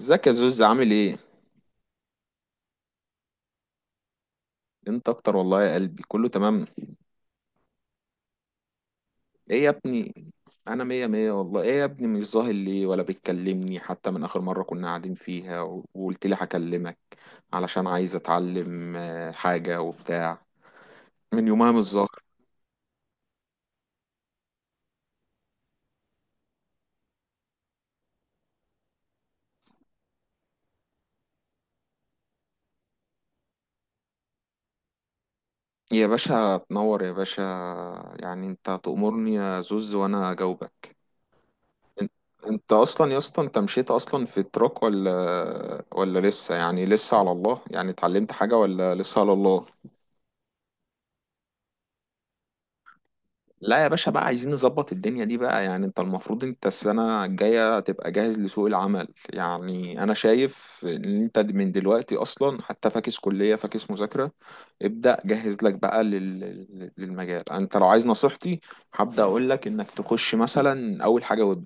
ازيك يا زوز؟ عامل ايه؟ انت اكتر والله يا قلبي، كله تمام. ايه يا ابني؟ انا مية مية والله. ايه يا ابني؟ مش ظاهر ليه ولا بتكلمني حتى من اخر مرة كنا قاعدين فيها وقلت لي هكلمك علشان عايز اتعلم حاجة وبتاع. من يومها مش ظاهر. يا باشا تنور يا باشا. يعني انت تأمرني يا زوز وانا اجاوبك. ان- انت اصلا يا اسطى، انت مشيت اصلا في التراك ولا لسه؟ يعني لسه على الله، يعني اتعلمت حاجة ولا لسه على الله؟ لا يا باشا، بقى عايزين نظبط الدنيا دي بقى. يعني انت المفروض انت السنة الجاية تبقى جاهز لسوق العمل. يعني انا شايف ان انت من دلوقتي اصلا، حتى فاكس كلية فاكس مذاكرة. ابدأ جهز لك بقى للمجال، انت لو عايز نصيحتي. هبدأ اقول لك انك تخش مثلا اول حاجة ويب.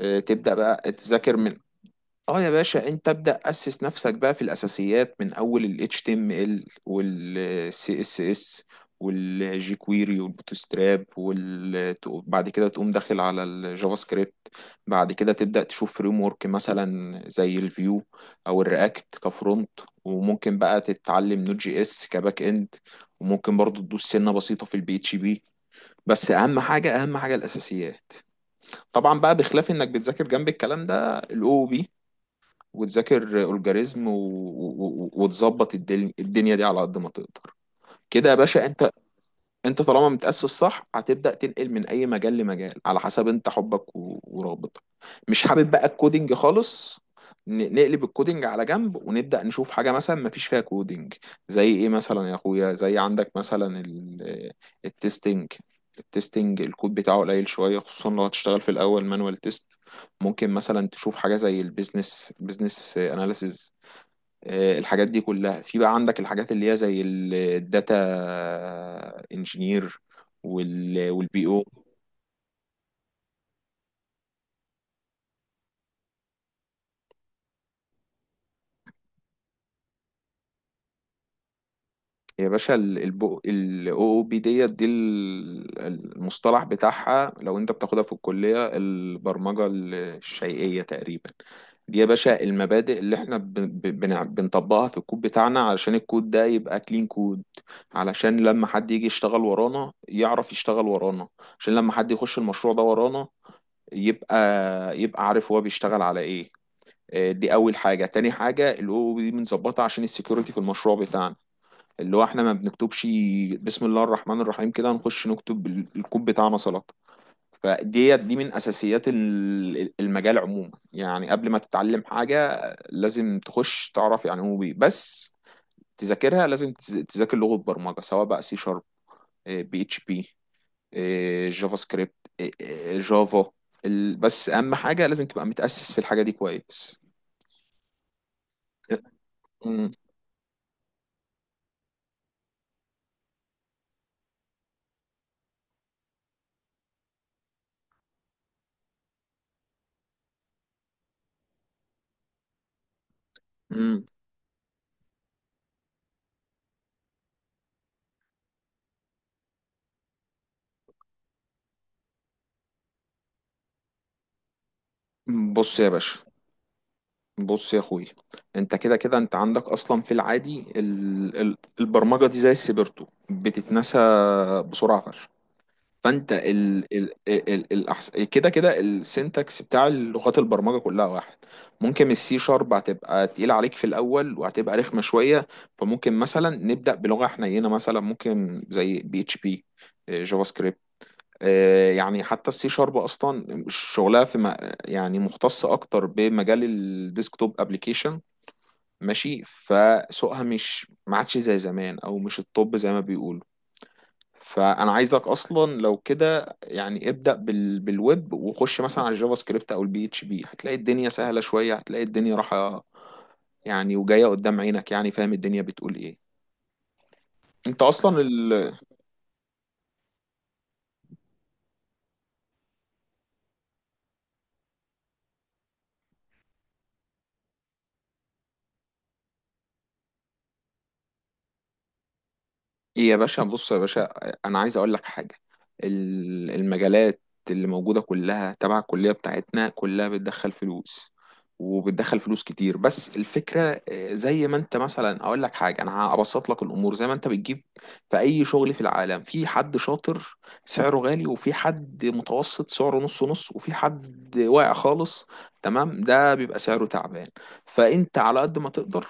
اه، تبدأ بقى تذاكر من اه يا باشا، انت ابدأ اسس نفسك بقى في الاساسيات من اول ال HTML وال CSS وال jQuery وال Bootstrap وال بعد كده تقوم داخل على الجافا سكريبت. بعد كده تبدأ تشوف فريم ورك مثلا زي الفيو، او الرياكت كفرونت. وممكن بقى تتعلم نوت جي اس كباك اند. وممكن برضو تدوس سنة بسيطة في البي اتش بي. بس اهم حاجة، اهم حاجة الاساسيات. طبعا بقى بخلاف انك بتذاكر جنب الكلام ده الاو بي وتذاكر الجوريزم وتظبط الدنيا دي على قد ما تقدر. كده يا باشا انت طالما متأسس صح هتبدأ تنقل من اي مجال لمجال على حسب انت حبك ورغبتك. مش حابب بقى الكودينج خالص، نقلب الكودينج على جنب ونبدأ نشوف حاجة مثلا ما فيش فيها كودينج. زي ايه مثلا يا اخويا، زي عندك مثلا التستنج. التستنج الكود بتاعه قليل شوية، خصوصا لو هتشتغل في الاول مانوال تيست. ممكن مثلا تشوف حاجة زي بيزنس اناليسز. الحاجات دي كلها في. بقى عندك الحاجات اللي هي زي الداتا انجينير، والبي او. يا باشا الاو او بي ديت دي المصطلح بتاعها لو انت بتاخدها في الكلية البرمجة الشيئية تقريبا. دي يا باشا المبادئ اللي احنا بنطبقها في الكود بتاعنا علشان الكود ده يبقى كلين كود. علشان لما حد يجي يشتغل ورانا يعرف يشتغل ورانا. عشان لما حد يخش المشروع ده ورانا يبقى يبقى عارف هو بيشتغل على ايه. دي اول حاجه. تاني حاجه الاو دي بنظبطها عشان السكيورتي في المشروع بتاعنا، اللي هو احنا ما بنكتبش بسم الله الرحمن الرحيم كده نخش نكتب الكود بتاعنا سلطه. فديت دي من اساسيات المجال عموما، يعني قبل ما تتعلم حاجه لازم تخش تعرف يعني هو بيه. بس تذاكرها لازم تذاكر لغه برمجه سواء بقى سي شارب، بي اتش بي، جافا سكريبت، إيه، إيه، جافا. بس اهم حاجه لازم تبقى متاسس في الحاجه دي كويس. أمم، أمم. بص يا باشا، بص يا اخوي. انت كده كده، انت عندك اصلا في العادي البرمجه دي زي السيبرتو بتتنسى بسرعه فشخ. فانت كده كده السنتكس بتاع لغات البرمجه كلها واحد. ممكن السي شارب هتبقى تقيله عليك في الاول وهتبقى رخمه شويه. فممكن مثلا نبدا بلغه حنينه مثلا ممكن زي بي اتش بي، جافا سكريبت. يعني حتى السي شارب اصلا شغلها في يعني مختصه اكتر بمجال الديسكتوب ابلكيشن. ماشي فسوقها مش ما عادش زي زمان، او مش الطب زي ما بيقولوا. فانا عايزك اصلا لو كده يعني ابدأ بالويب، وخش مثلا على الجافا سكريبت او البي اتش بي، هتلاقي الدنيا سهلة شوية، هتلاقي الدنيا راحة. يعني وجاية قدام عينك، يعني فاهم الدنيا بتقول ايه انت اصلا. إيه يا باشا، بص يا باشا، انا عايز اقول لك حاجه. المجالات اللي موجوده كلها تبع الكليه بتاعتنا كلها بتدخل فلوس، وبتدخل فلوس كتير. بس الفكره، زي ما انت مثلا اقول لك حاجه، انا هبسط لك الامور زي ما انت بتجيب. في اي شغل في العالم في حد شاطر سعره غالي، وفي حد متوسط سعره نص نص، وفي حد واقع خالص تمام، ده بيبقى سعره تعبان. فانت على قد ما تقدر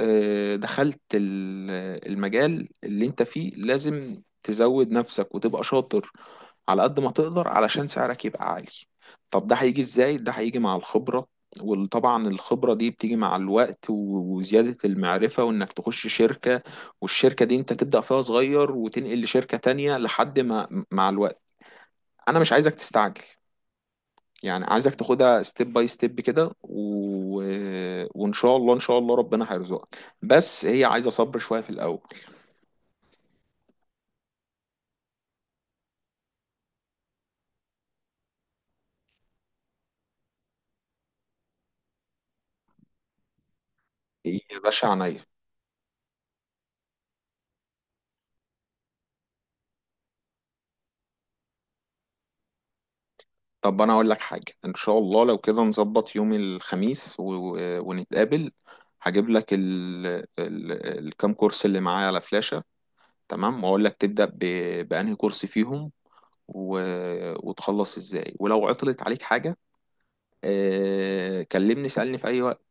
دخلت المجال اللي انت فيه لازم تزود نفسك وتبقى شاطر على قد ما تقدر علشان سعرك يبقى عالي. طب ده هيجي ازاي؟ ده هيجي مع الخبرة، وطبعا الخبرة دي بتيجي مع الوقت، وزيادة المعرفة، وانك تخش شركة. والشركة دي انت تبدأ فيها صغير وتنقل لشركة تانية لحد ما، مع الوقت. انا مش عايزك تستعجل، يعني عايزك تاخدها ستيب باي ستيب كده. وان شاء الله ان شاء الله ربنا هيرزقك. بس هي عايزه صبر شويه في الاول. إيه يا باشا، عينيا. طب انا اقول لك حاجه، ان شاء الله لو كده نظبط يوم الخميس ونتقابل. هجيب لك ال... الكام كورس اللي معايا على فلاشه. تمام، واقول لك تبدا بانهي كورس فيهم، و... وتخلص ازاي. ولو عطلت عليك حاجه كلمني، سألني في اي وقت.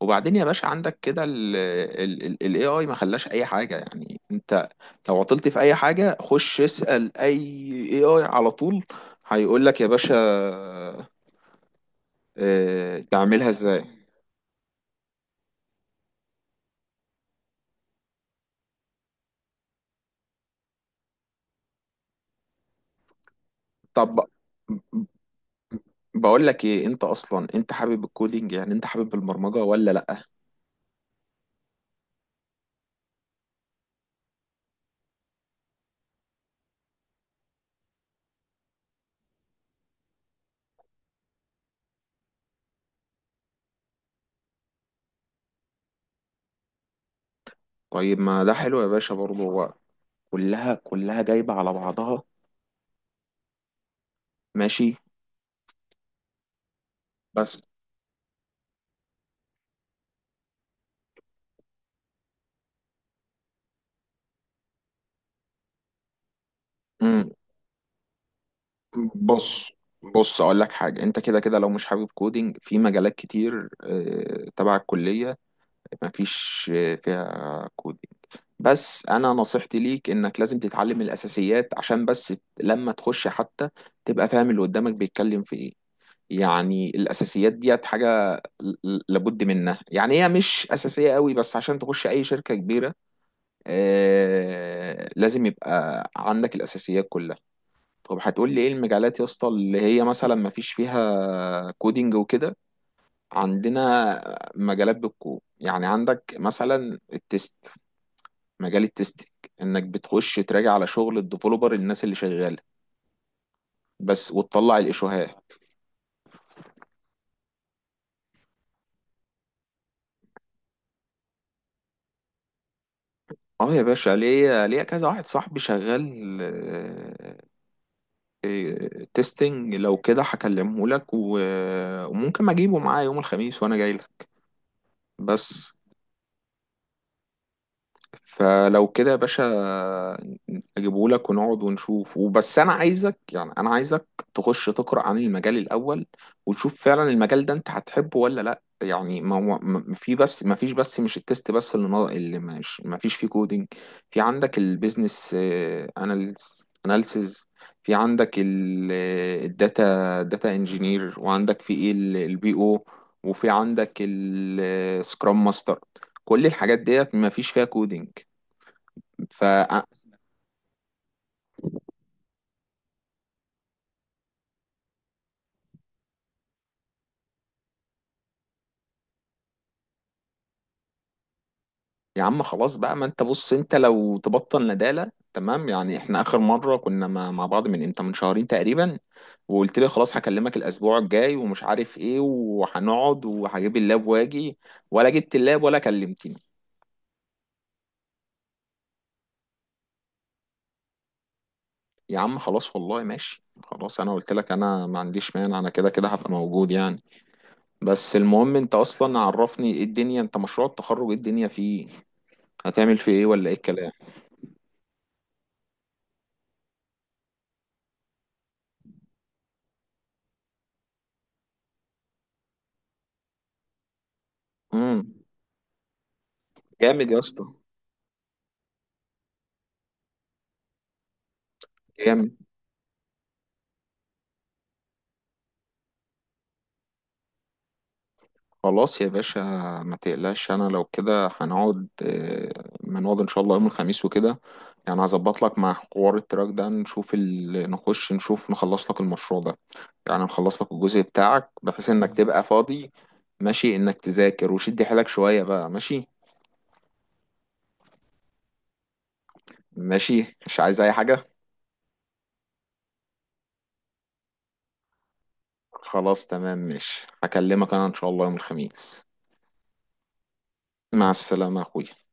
وبعدين يا باشا عندك كده ال AI، ما خلاش اي حاجة يعني. انت لو عطلت في اي حاجة خش اسأل اي AI على طول، هيقول لك يا باشا اه تعملها ازاي. طب بقول لك ايه، انت اصلا انت حابب الكودينج، يعني انت حابب البرمجة ولا لا؟ طيب ما ده حلو يا باشا برضه، هو كلها كلها جايبة على بعضها. ماشي. بس بص، بص اقول لك حاجه. انت كده كده لو مش حابب كودينج في مجالات كتير تبع الكليه مفيش فيها كودينج. بس انا نصيحتي ليك انك لازم تتعلم الاساسيات، عشان بس لما تخش حتى تبقى فاهم اللي قدامك بيتكلم في ايه. يعني الاساسيات ديت حاجه لابد منها. يعني هي مش اساسيه قوي، بس عشان تخش اي شركه كبيره لازم يبقى عندك الاساسيات كلها. طب هتقول لي ايه المجالات يا اسطى اللي هي مثلا ما فيش فيها كودينج وكده؟ عندنا مجالات بالكود، يعني عندك مثلا التست، مجال التستنج انك بتخش تراجع على شغل الديفلوبر الناس اللي شغاله بس، وتطلع الايشوهات. اه يا باشا، ليا ليا كذا واحد صاحبي شغال تستنج، لو كده هكلمه لك وممكن اجيبه معايا يوم الخميس وانا جاي لك. بس فلو كده يا باشا اجيبهولك ونقعد ونشوف. وبس انا عايزك، يعني انا عايزك تخش تقرا عن المجال الاول، وتشوف فعلا المجال ده انت هتحبه ولا لا. يعني ما هو في بس ما فيش بس مش التست بس اللي مش ما فيش فيه كودينج. في عندك البيزنس اناليسز، في عندك الداتا انجينير، وعندك في ايه، البي او، وفي عندك السكرام ماستر. كل الحاجات ديت ما فيش فيها كودينج. ف آه، يا عم خلاص بقى، ما انت بص، انت لو تبطل ندالة تمام، يعني احنا اخر مرة كنا مع بعض من امتى؟ من شهرين تقريبا. وقلت لي خلاص هكلمك الاسبوع الجاي ومش عارف ايه، وهنقعد وهجيب اللاب واجي، ولا جبت اللاب ولا كلمتني. يا عم خلاص والله ماشي خلاص، انا قلت لك انا ما عنديش مانع، انا كده كده هبقى موجود يعني. بس المهم انت اصلا عرفني، ايه الدنيا؟ انت مشروع التخرج ايه الدنيا فيه؟ هتعمل فيه ايه؟ ولا ايه الكلام؟ امم. جامد يا اسطى. جامد. خلاص يا باشا، ما تقلقش، انا لو كده هنقعد ما نقعد ان شاء الله يوم الخميس وكده. يعني هظبط لك مع حوار التراك ده، نشوف نخش نشوف نخلص لك المشروع ده، يعني نخلص لك الجزء بتاعك بحيث انك تبقى فاضي. ماشي انك تذاكر وشد حيلك شوية بقى، ماشي. ماشي، مش عايز اي حاجة. خلاص تمام ماشي، هكلمك انا ان شاء الله يوم الخميس. مع السلامة يا اخويا.